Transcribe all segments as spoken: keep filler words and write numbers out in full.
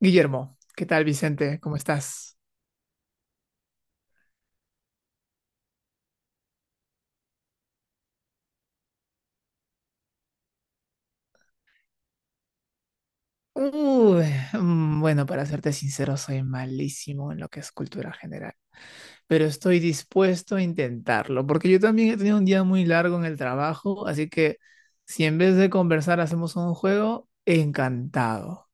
Guillermo, ¿qué tal, Vicente? ¿Cómo estás? Uy, mm, bueno, para serte sincero, soy malísimo en lo que es cultura general, pero estoy dispuesto a intentarlo, porque yo también he tenido un día muy largo en el trabajo, así que si en vez de conversar hacemos un juego, encantado.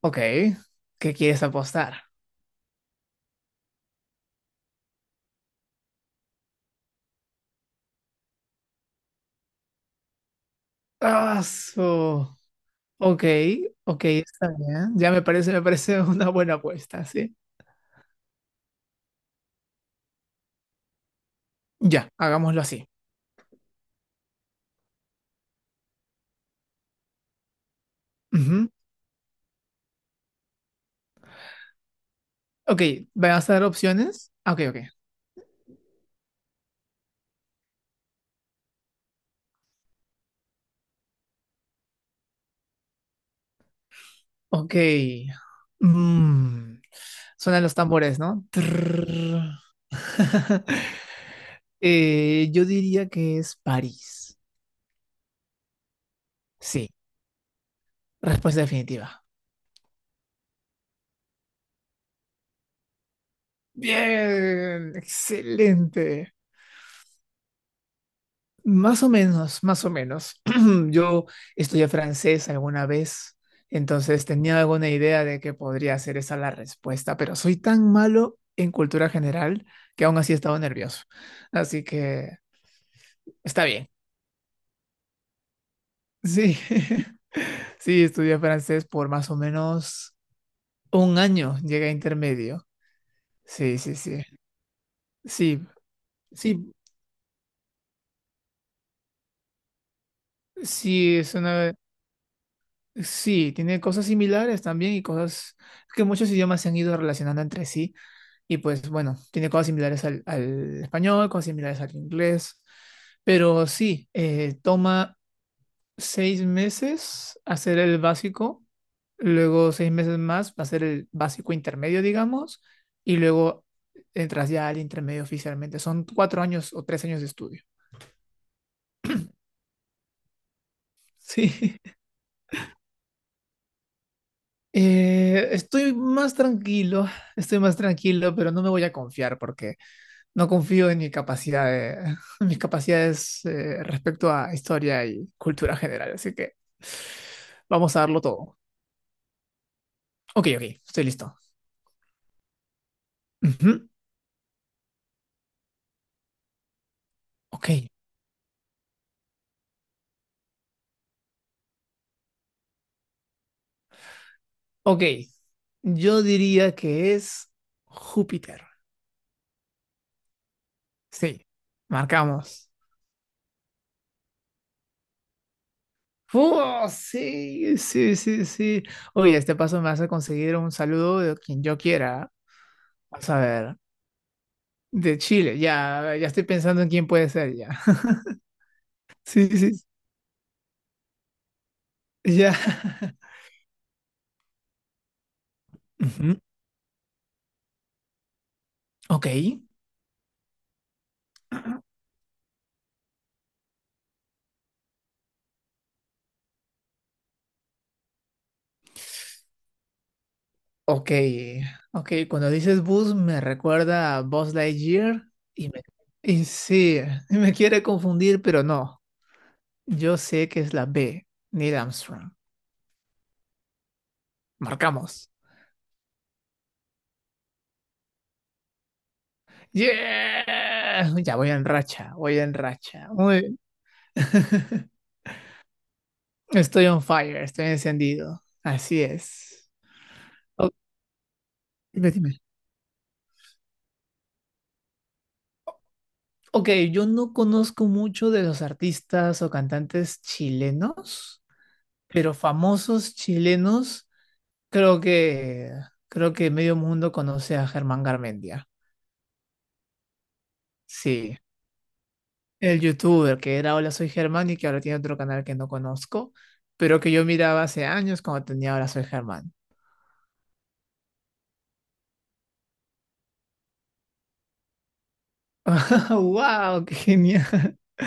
Ok, ¿qué quieres apostar? Ah, su- Ok, ok, está bien. Ya me parece, me parece una buena apuesta, ¿sí? Ya, hagámoslo así. Ok, ¿me ¿vas a dar opciones? Ah, ok, ok. Ok. Mm, Suenan los tambores, ¿no? Trrr. Eh, yo diría que es París. Sí, respuesta definitiva. Bien, excelente. Más o menos, más o menos. Yo estudié francés alguna vez, entonces tenía alguna idea de que podría ser esa la respuesta, pero soy tan malo en cultura general que aún así he estado nervioso. Así que está bien. Sí, sí, estudié francés por más o menos un año, llegué a intermedio. Sí, sí, sí. Sí, sí, sí, es una. Sí, tiene cosas similares también y cosas que muchos idiomas se han ido relacionando entre sí. Y pues bueno, tiene cosas similares al, al español, cosas similares al inglés. Pero sí, eh, toma seis meses hacer el básico, luego seis meses más hacer el básico intermedio, digamos, y luego entras ya al intermedio oficialmente. Son cuatro años o tres años de estudio. Sí. Eh, estoy más tranquilo, estoy más tranquilo, pero no me voy a confiar porque no confío en mi capacidad de- en mis capacidades, eh, respecto a historia y cultura general, así que vamos a darlo todo. Ok, ok, estoy listo. Ujú. Ok, ok. Yo diría que es Júpiter. Sí, marcamos. ¡Oh, sí, sí, sí, sí! Oye, este paso me hace conseguir un saludo de quien yo quiera. Vamos a ver. De Chile, ya, ya estoy pensando en quién puede ser, ya. Sí, sí, ya. Ok, ok, ok. Cuando dices bus me recuerda a Buzz Lightyear y me... Y sí, y me quiere confundir, pero no. Yo sé que es la B, Neil Armstrong. Marcamos. ¡Yeah! Ya voy en racha, voy en racha. Muy bien. Estoy on fire, estoy encendido. Así es. O- Dime, dime. Ok, yo no conozco mucho de los artistas o cantantes chilenos, pero famosos chilenos, Creo que, creo que medio mundo conoce a Germán Garmendia. Sí, el youtuber que era Hola Soy Germán y que ahora tiene otro canal que no conozco, pero que yo miraba hace años cuando tenía Hola Soy Germán. ¡Wow! ¡Qué genial!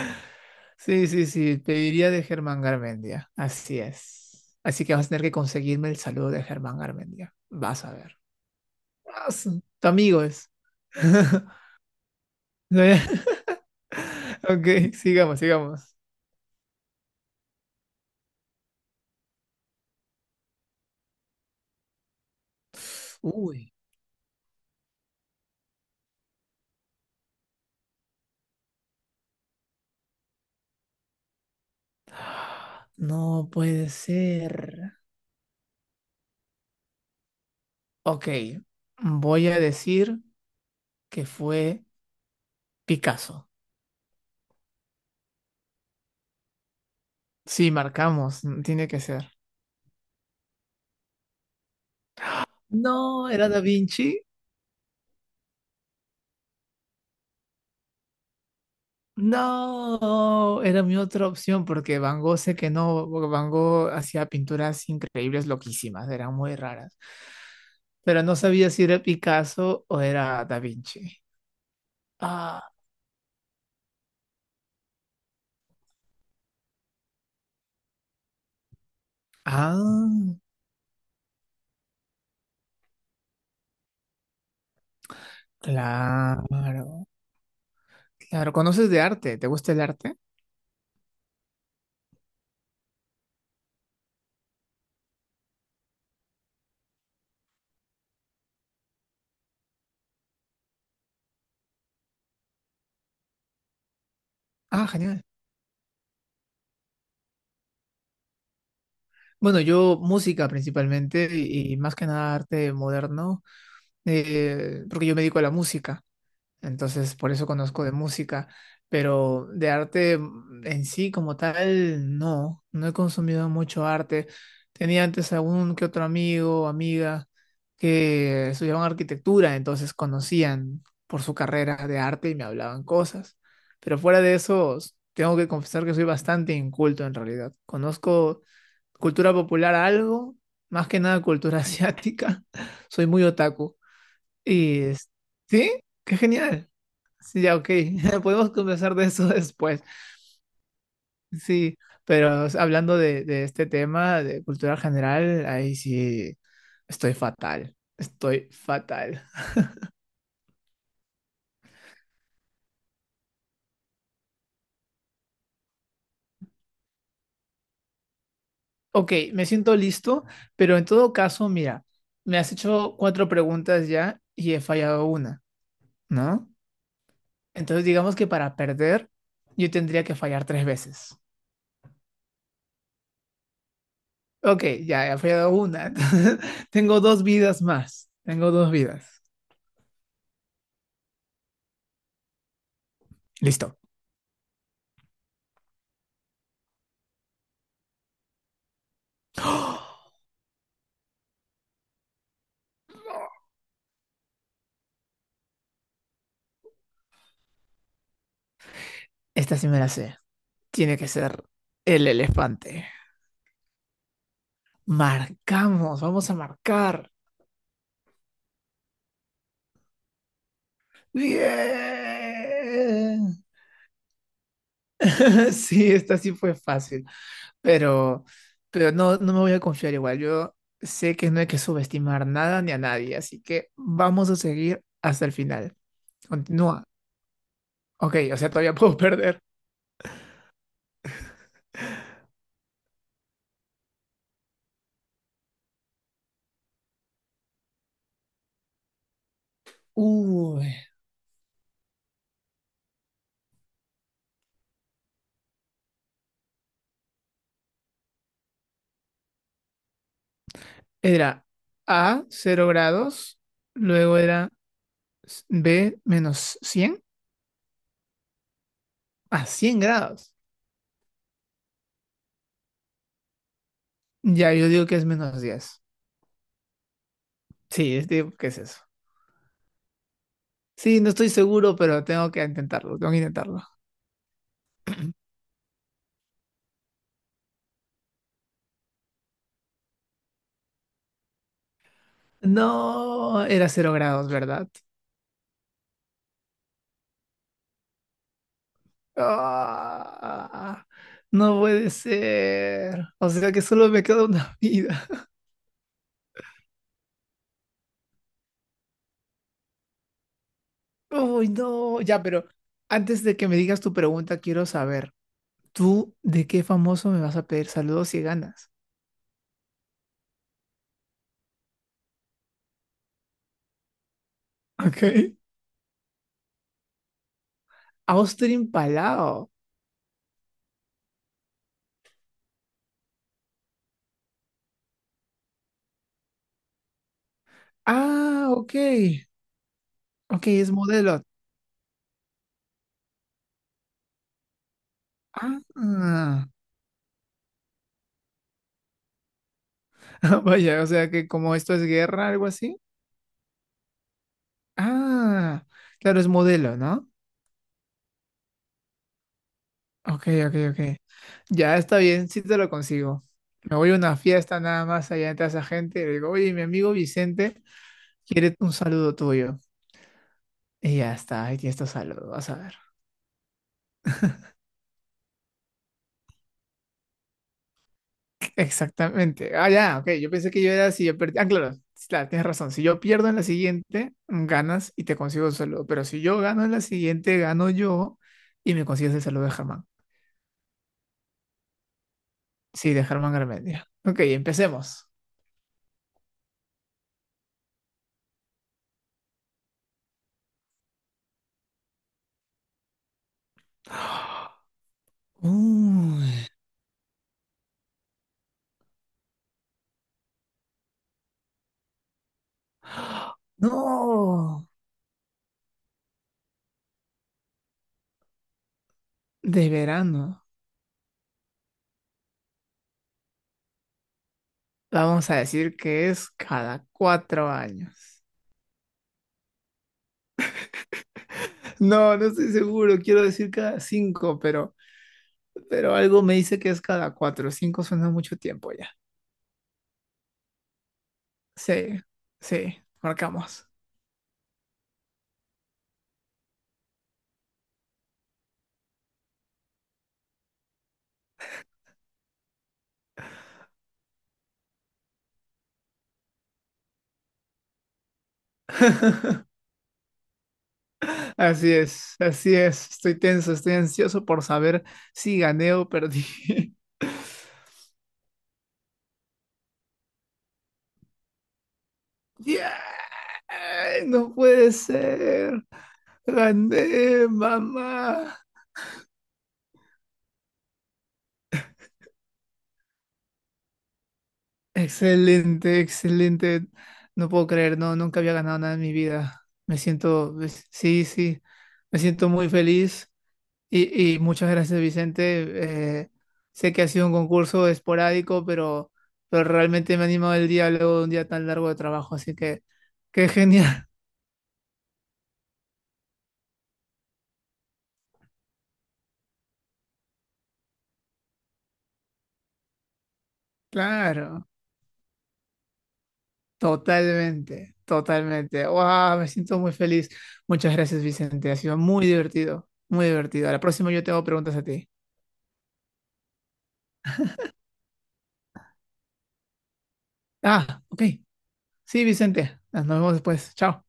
Sí, sí, sí, pediría de Germán Garmendia. Así es. Así que vas a tener que conseguirme el saludo de Germán Garmendia. Vas a ver. Vas, Tu amigo es. Ok, sigamos, sigamos. Uy. No puede ser. Ok, voy a decir que fue Picasso. Sí, marcamos, tiene que ser. No, era Da Vinci. No, era mi otra opción porque Van Gogh sé que no, porque Van Gogh hacía pinturas increíbles, loquísimas, eran muy raras. Pero no sabía si era Picasso o era Da Vinci. Ah, ah, claro, claro. ¿Conoces de arte? ¿Te gusta el arte? Ah, genial. Bueno, yo música principalmente y, y más que nada arte moderno, eh, porque yo me dedico a la música, entonces por eso conozco de música, pero de arte en sí como tal, no, no he consumido mucho arte. Tenía antes algún que otro amigo, o amiga que estudiaban arquitectura, entonces conocían por su carrera de arte y me hablaban cosas, pero fuera de eso, tengo que confesar que soy bastante inculto en realidad. Conozco cultura popular algo, más que nada cultura asiática. Soy muy otaku. Y es- sí, qué genial. Sí, ya, ok. Podemos conversar de eso después. Sí, pero o sea, hablando de, de este tema de cultura general, ahí sí estoy fatal. Estoy fatal. Ok, me siento listo, pero en todo caso, mira, me has hecho cuatro preguntas ya y he fallado una, ¿no? Entonces digamos que para perder, yo tendría que fallar tres veces. Ok, ya he fallado una. Entonces, tengo dos vidas más. Tengo dos vidas. Listo. ¡Oh! Esta sí me la sé. Tiene que ser el elefante. Marcamos, vamos a marcar. Bien. Sí, esta sí fue fácil, pero, pero no, no me voy a confiar igual. Yo sé que no hay que subestimar nada ni a nadie, así que vamos a seguir hasta el final. Continúa. Ok, o sea, todavía puedo perder. Uy. Era A, cero grados, luego era s- B, menos cien a cien grados. Ya, yo digo que es menos diez. Sí, es- digo, ¿qué es eso? Sí, no estoy seguro, pero tengo que intentarlo, tengo que intentarlo. No, era cero grados, ¿verdad? Ah, no puede ser. O sea que solo me queda una vida. Uy, no, ya, pero antes de que me digas tu pregunta, quiero saber, ¿tú de qué famoso me vas a pedir saludos si ganas? Ok. Austin Palao. Ah, ok. Ok, es modelo. Ah, vaya, o sea que como esto es guerra, algo así. Ah, claro, es modelo, ¿no? Ok, ok, ok. Ya está bien, sí te lo consigo. Me voy a una fiesta nada más allá entre esa gente y le digo, oye, mi amigo Vicente quiere un saludo tuyo. Y ya está, aquí está tu saludo, vas a ver. Exactamente. Ah, ya, ok. Yo pensé que yo era si yo perdí. Ah, claro, sí, claro, tienes razón. Si yo pierdo en la siguiente, mm, ganas y te consigo el saludo. Pero si yo gano en la siguiente, gano yo y me consigues el saludo de Germán. Sí, de Germán Garmendia. Ok, empecemos. Uy, no, de verano. La vamos a decir que es cada cuatro años. No, no estoy seguro. Quiero decir cada cinco, pero, pero algo me dice que es cada cuatro. Cinco suena mucho tiempo. Sí, sí, marcamos. Así es, así es. Estoy tenso, estoy ansioso por saber si gané o perdí. ¡Yeah! No puede ser. Gané, mamá. Excelente, excelente. No puedo creer, no, nunca había ganado nada en mi vida. Me siento, sí, sí, me siento muy feliz. Y, y muchas gracias, Vicente. Eh, sé que ha sido un concurso esporádico, pero, pero realmente me ha animado el día luego de un día tan largo de trabajo, así que qué genial. Claro, totalmente, totalmente. ¡Wow! Me siento muy feliz. Muchas gracias, Vicente. Ha sido muy divertido, muy divertido. A la próxima yo te hago preguntas a ti. Ah, ok. Sí, Vicente. Nos vemos después. Chao.